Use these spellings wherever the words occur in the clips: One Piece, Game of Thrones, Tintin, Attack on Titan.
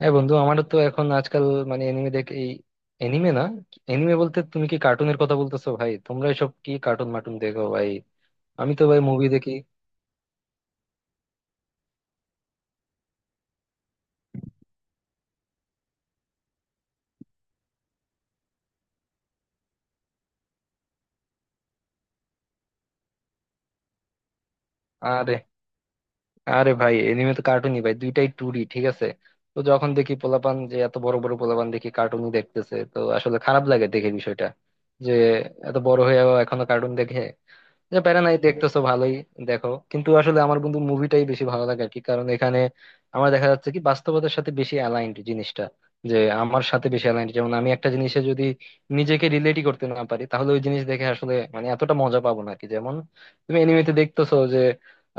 হ্যাঁ বন্ধু, আমারও তো এখন আজকাল মানে এনিমে দেখে, এই এনিমে না, এনিমে বলতে তুমি কি কার্টুনের কথা বলতেছো ভাই? তোমরা এসব কি কার্টুন মার্টুন দেখো ভাই? আমি তো ভাই মুভি দেখি। আরে আরে ভাই, এনিমে তো কার্টুনই ভাই, দুইটাই টুডি, ঠিক আছে। তো যখন দেখি পোলাপান, যে এত বড় বড় পোলাপান দেখি কার্টুনই দেখতেছে, তো আসলে খারাপ লাগে দেখে বিষয়টা, যে এত বড় হয়েও এখনো কার্টুন দেখে। যে প্যারা নাই, দেখতেছো ভালোই। দেখো কিন্তু আসলে আমার বন্ধু মুভিটাই বেশি ভালো লাগে আর কি, কারণ এখানে আমার দেখা যাচ্ছে কি, বাস্তবতার সাথে বেশি অ্যালাইন্ড জিনিসটা, যে আমার সাথে বেশি অ্যালাইন্ড। যেমন আমি একটা জিনিসে যদি নিজেকে রিলেটই করতে না পারি, তাহলে ওই জিনিস দেখে আসলে মানে এতটা মজা পাবো না আর কি। যেমন তুমি এনিমেতে দেখতেছো যে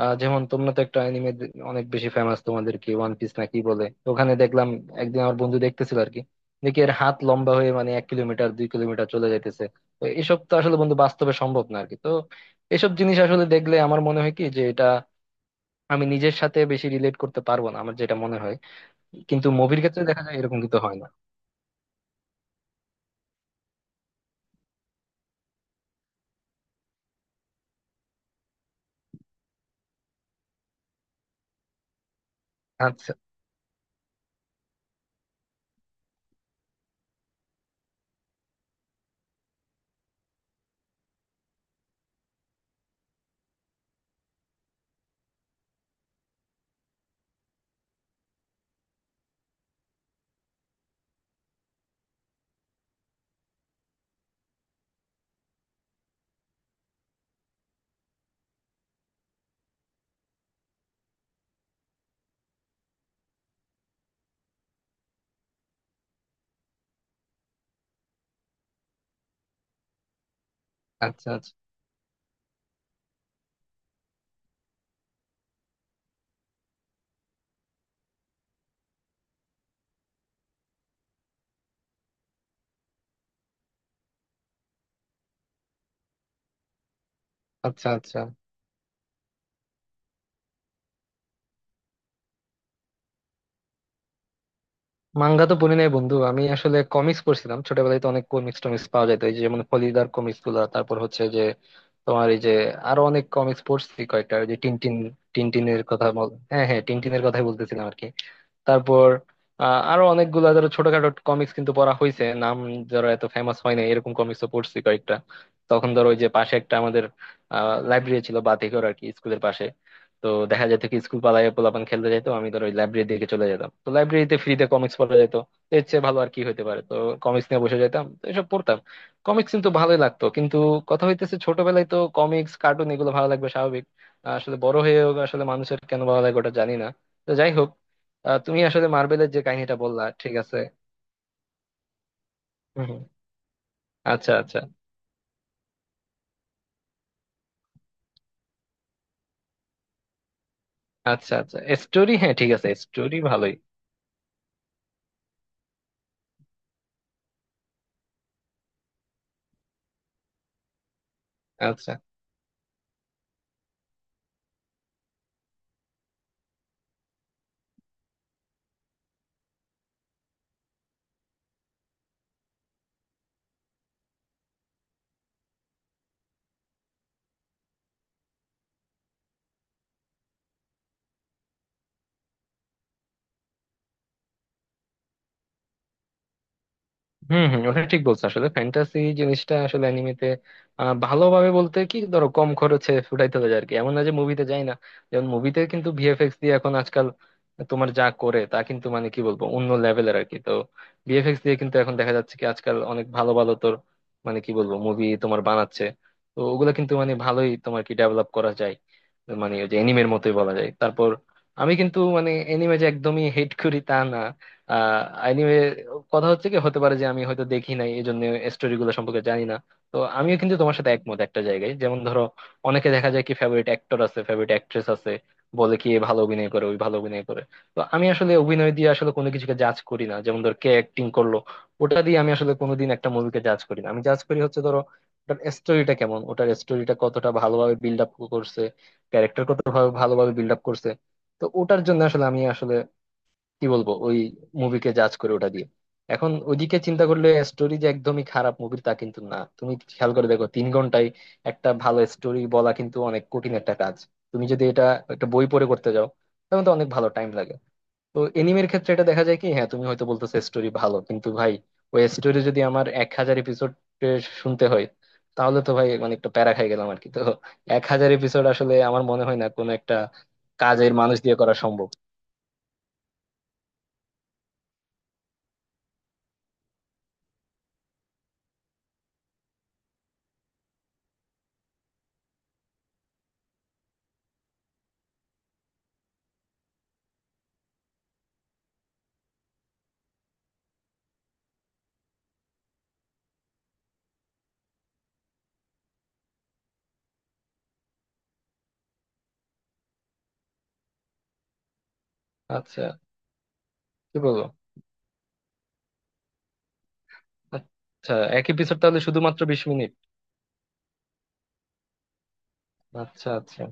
যেমন তোমরা তো একটা এনিমে অনেক বেশি ফেমাস তোমাদের, কি ওয়ান পিস না কি বলে, তো ওখানে দেখলাম একদিন আমার বন্ধু দেখতেছিল আর কি, দেখি এর হাত লম্বা হয়ে মানে 1 কিলোমিটার 2 কিলোমিটার চলে যাইতেছে। তো এসব তো আসলে বন্ধু বাস্তবে সম্ভব না আরকি। এসব জিনিস আসলে দেখলে আমার মনে হয় কি, যে এটা আমি নিজের সাথে বেশি রিলেট করতে পারবো না, আমার যেটা মনে হয়। কিন্তু মুভির ক্ষেত্রে দেখা যায় এরকম কিন্তু হয় না। আচ্ছা। আচ্ছা। আচ্ছা আচ্ছা। আচ্ছা। মাঙ্গা তো পড়ি নাই বন্ধু, আমি আসলে কমিক্স পড়ছিলাম ছোটবেলায়। তো অনেক কমিক্স টমিক্স পাওয়া যেত, এই যে যেমন ফলিদার কমিক্স গুলা, তারপর হচ্ছে যে তোমার এই যে আরো অনেক কমিক্স পড়ছি, কয়েকটা ওই যে টিনটিন। টিনটিনের কথা বল? হ্যাঁ হ্যাঁ, টিনটিনের কথাই বলতেছিলাম আর কি। তারপর আরো অনেকগুলা ধরো ছোটখাটো কমিক্স কিন্তু পড়া হয়েছে, নাম ধরো এত ফেমাস হয় না, এরকম কমিক্সও পড়ছি কয়েকটা। তখন ধরো ওই যে পাশে একটা আমাদের লাইব্রেরি ছিল বাতিঘর আর কি, স্কুলের পাশে। তো দেখা যেত কি, স্কুল পালায় পোলাপান খেলতে যেত, আমি ধরো ওই লাইব্রেরির দিকে চলে যেতাম। তো লাইব্রেরিতে ফ্রিতে কমিক্স পড়া যেত, তো এর চেয়ে ভালো আর কি হতে পারে। তো কমিক্স নিয়ে বসে যেতাম, তো এসব পড়তাম। কমিক্স কিন্তু ভালোই লাগতো, কিন্তু কথা হইতেছে, ছোটবেলায় তো কমিক্স কার্টুন এগুলো ভালো লাগবে স্বাভাবিক, আসলে বড় হয়েও আসলে মানুষের কেন ভালো লাগে ওটা জানি না। তো যাই হোক, তুমি আসলে মার্বেলের যে কাহিনীটা বললা, ঠিক আছে। হুম হুম। আচ্ছা আচ্ছা। আচ্ছা আচ্ছা। স্টোরি, হ্যাঁ ঠিক আছে, স্টোরি ভালোই। আচ্ছা। হম হম, ওটা ঠিক বলছো, আসলে ফ্যান্টাসি জিনিসটা আসলে অ্যানিমেতে ভালোভাবে বলতে কি, ধরো কম খরচে ফুটাইতে হবে আর কি, এমন না যে মুভিতে যায় না। যেমন মুভিতে কিন্তু ভিএফএক্স দিয়ে এখন আজকাল তোমার যা করে, তা কিন্তু মানে কি বলবো, অন্য লেভেলের আর কি। তো ভিএফএক্স দিয়ে কিন্তু এখন দেখা যাচ্ছে কি আজকাল অনেক ভালো ভালো তোর মানে কি বলবো মুভি তোমার বানাচ্ছে। তো ওগুলো কিন্তু মানে ভালোই তোমার কি ডেভেলপ করা যায়, মানে ওই যে এনিমের মতোই বলা যায়। তারপর আমি কিন্তু মানে এনিমে যে একদমই হেট করি তা না। আহ কথা হচ্ছে কি, হতে পারে যে আমি হয়তো দেখি নাই, এই জন্য স্টোরি গুলো সম্পর্কে জানি না। তো আমিও কিন্তু তোমার সাথে একমত একটা জায়গায়। যেমন ধরো, অনেকে দেখা যায় কি, ফেভারিট অ্যাক্টর আছে, ফেভারিট অ্যাক্ট্রেস আছে, বলে কি এ ভালো অভিনয় করে, ওই ভালো অভিনয় করে। তো আমি আসলে অভিনয় দিয়ে আসলে কোনো কিছুকে জাজ করি না। যেমন ধর কে অ্যাক্টিং করলো, ওটা দিয়ে আমি আসলে কোনোদিন একটা মুভিকে জাজ করি না। আমি জাজ করি হচ্ছে ধরো, ওটার স্টোরিটা কেমন, ওটার স্টোরিটা কতটা ভালোভাবে বিল্ড আপ করছে, ক্যারেক্টার কতটা ভালোভাবে বিল্ড আপ করছে। তো ওটার জন্য আসলে আমি আসলে কি বলবো, ওই মুভিকে জাজ করে ওটা দিয়ে। এখন ওইদিকে চিন্তা করলে, স্টোরি যে একদমই খারাপ মুভির তা কিন্তু না। তুমি খেয়াল করে দেখো, 3 ঘন্টায় একটা ভালো স্টোরি বলা কিন্তু অনেক কঠিন একটা কাজ। তুমি যদি এটা একটা বই পড়ে করতে যাও, তখন তো অনেক ভালো টাইম লাগে। তো এনিমের ক্ষেত্রে এটা দেখা যায় কি, হ্যাঁ তুমি হয়তো বলতেছো স্টোরি ভালো, কিন্তু ভাই ওই স্টোরি যদি আমার 1000 এপিসোড শুনতে হয়, তাহলে তো ভাই মানে একটা প্যারা খাই গেলাম আর কি। তো 1000 এপিসোড আসলে আমার মনে হয় না কোনো একটা কাজের মানুষ দিয়ে করা সম্ভব। আচ্ছা। কি বলবো। আচ্ছা, এক এপিসোড তাহলে শুধুমাত্র 20 মিনিট? আচ্ছা আচ্ছা।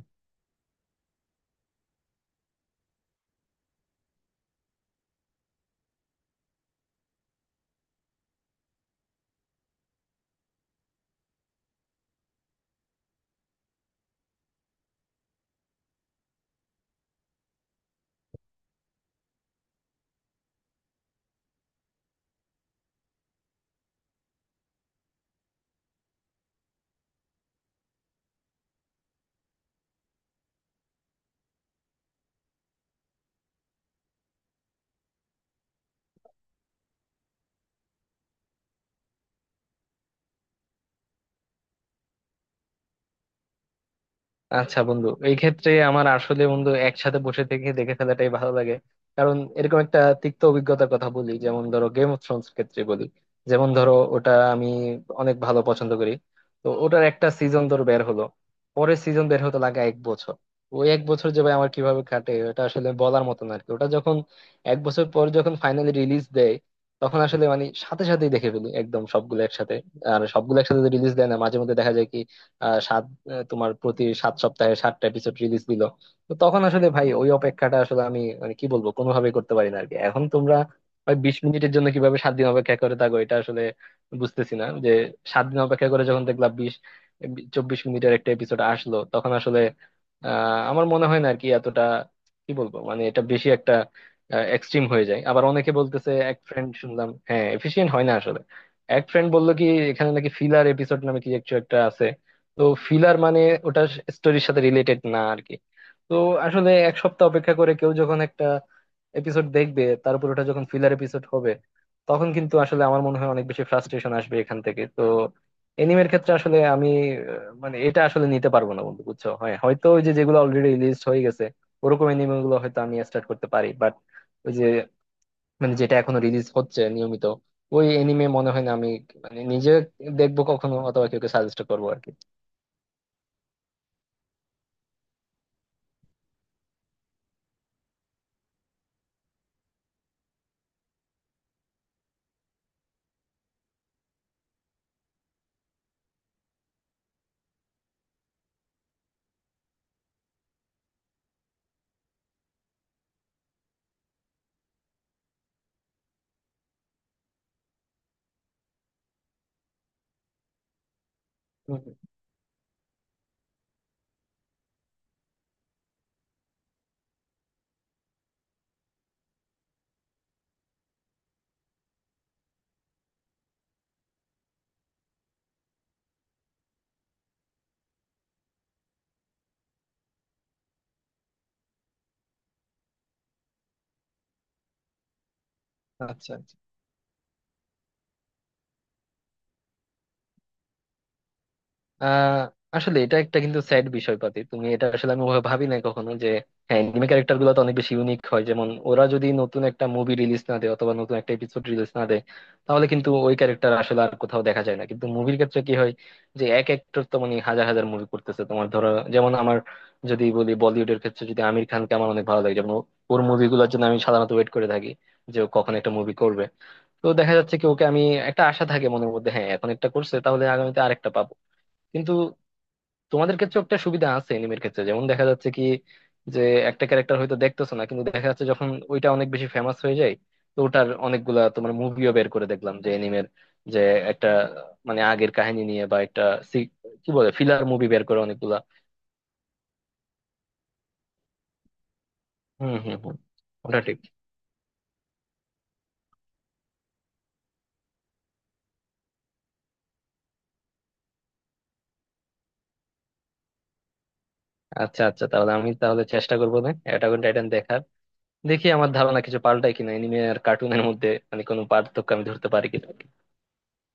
আচ্ছা বন্ধু, এই ক্ষেত্রে আমার আসলে বন্ধু একসাথে বসে থেকে দেখে ফেলাটাই ভালো লাগে। কারণ এরকম একটা তিক্ত অভিজ্ঞতার কথা বলি, যেমন ধরো গেম অফ থ্রোনস ক্ষেত্রে বলি। যেমন ধরো ওটা আমি অনেক ভালো পছন্দ করি, তো ওটার একটা সিজন ধরো বের হলো, পরের সিজন বের হতে লাগে 1 বছর। ওই 1 বছর যে ভাই আমার কিভাবে কাটে, এটা আসলে বলার মতো না আর কি। ওটা যখন 1 বছর পর যখন ফাইনালি রিলিজ দেয়, তখন আসলে মানে সাথে সাথেই দেখে ফেলি, একদম সবগুলো একসাথে। আর সবগুলো একসাথে রিলিজ দেয় না, মাঝে মধ্যে দেখা যায় কি, তোমার প্রতি 7 সপ্তাহে 7টা এপিসোড রিলিজ দিল। তো তখন আসলে ভাই ওই অপেক্ষাটা আসলে আমি মানে কি বলবো কোনোভাবেই করতে পারি না আরকি। এখন তোমরা ভাই 20 মিনিটের জন্য কিভাবে 7 দিন অপেক্ষা করে থাকো, এটা আসলে বুঝতেছি না। যে 7 দিন অপেক্ষা করে যখন দেখলাম 20-24 মিনিটের একটা এপিসোড আসলো, তখন আসলে আমার মনে হয় না আর কি এতটা, কি বলবো, মানে এটা বেশি একটা এক্সট্রিম হয়ে যায়। আবার অনেকে বলতেছে, এক ফ্রেন্ড শুনলাম, হ্যাঁ এফিশিয়েন্ট হয় না আসলে। এক ফ্রেন্ড বললো কি, এখানে নাকি ফিলার এপিসোড নামে কি একটু একটা আছে। তো ফিলার মানে ওটা স্টোরির সাথে রিলেটেড না আর কি। তো আসলে 1 সপ্তাহ অপেক্ষা করে কেউ যখন একটা এপিসোড দেখবে, তারপর ওটা যখন ফিলার এপিসোড হবে, তখন কিন্তু আসলে আমার মনে হয় অনেক বেশি ফ্রাস্ট্রেশন আসবে এখান থেকে। তো এনিমের ক্ষেত্রে আসলে আমি মানে এটা আসলে নিতে পারবো না বন্ধু বুঝছো। হয়তো ওই যে যেগুলো অলরেডি রিলিজ হয়ে গেছে, ওরকম এনিমে গুলো হয়তো আমি স্টার্ট করতে পারি, বাট ওই যে মানে যেটা এখনো রিলিজ হচ্ছে নিয়মিত, ওই এনিমে মনে হয় না আমি মানে নিজে দেখবো কখনো অথবা কাউকে সাজেস্ট করবো আর কি। আচ্ছা আচ্ছা। আহ আসলে এটা একটা কিন্তু স্যাড বিষয় পাতি, তুমি এটা আসলে আমি ওভাবে ভাবি না কখনো। যে হ্যাঁ, এনিমে ক্যারেক্টার গুলো তো অনেক বেশি ইউনিক হয়, যেমন ওরা যদি নতুন একটা মুভি রিলিজ না দেয় অথবা নতুন একটা এপিসোড রিলিজ না দেয়, তাহলে কিন্তু ওই ক্যারেক্টার আসলে আর কোথাও দেখা যায় না। কিন্তু মুভির ক্ষেত্রে কি হয়, যে এক একটার তো মানে হাজার হাজার মুভি করতেছে তোমার। ধরো যেমন আমার, যদি বলি বলিউডের ক্ষেত্রে, যদি আমির খানকে আমার অনেক ভালো লাগে, যেমন ওর মুভিগুলোর জন্য আমি সাধারণত ওয়েট করে থাকি যে ও কখন একটা মুভি করবে। তো দেখা যাচ্ছে কি, ওকে আমি, একটা আশা থাকে মনের মধ্যে, হ্যাঁ এখন একটা করছে তাহলে আগামীতে আরেকটা পাবো। কিন্তু তোমাদের ক্ষেত্রে একটা সুবিধা আছে এনিমের ক্ষেত্রে, যেমন দেখা যাচ্ছে কি, যে একটা ক্যারেক্টার হয়তো দেখতেছো না, কিন্তু দেখা যাচ্ছে যখন ওইটা অনেক বেশি ফেমাস হয়ে যায়, তো ওটার অনেকগুলা তোমার মুভিও বের করে। দেখলাম যে এনিমের যে একটা মানে আগের কাহিনী নিয়ে, বা একটা সি- কি বলে ফিলার মুভি বের করে অনেকগুলা। হম হম হম, ওটা ঠিক। আচ্ছা আচ্ছা, তাহলে আমি তাহলে চেষ্টা করবো না অ্যাটাক অন টাইটান দেখার। দেখি আমার ধারণা কিছু পাল্টায় কিনা, এনিমে আর কার্টুনের মধ্যে মানে কোনো পার্থক্য আমি ধরতে পারি কিনা।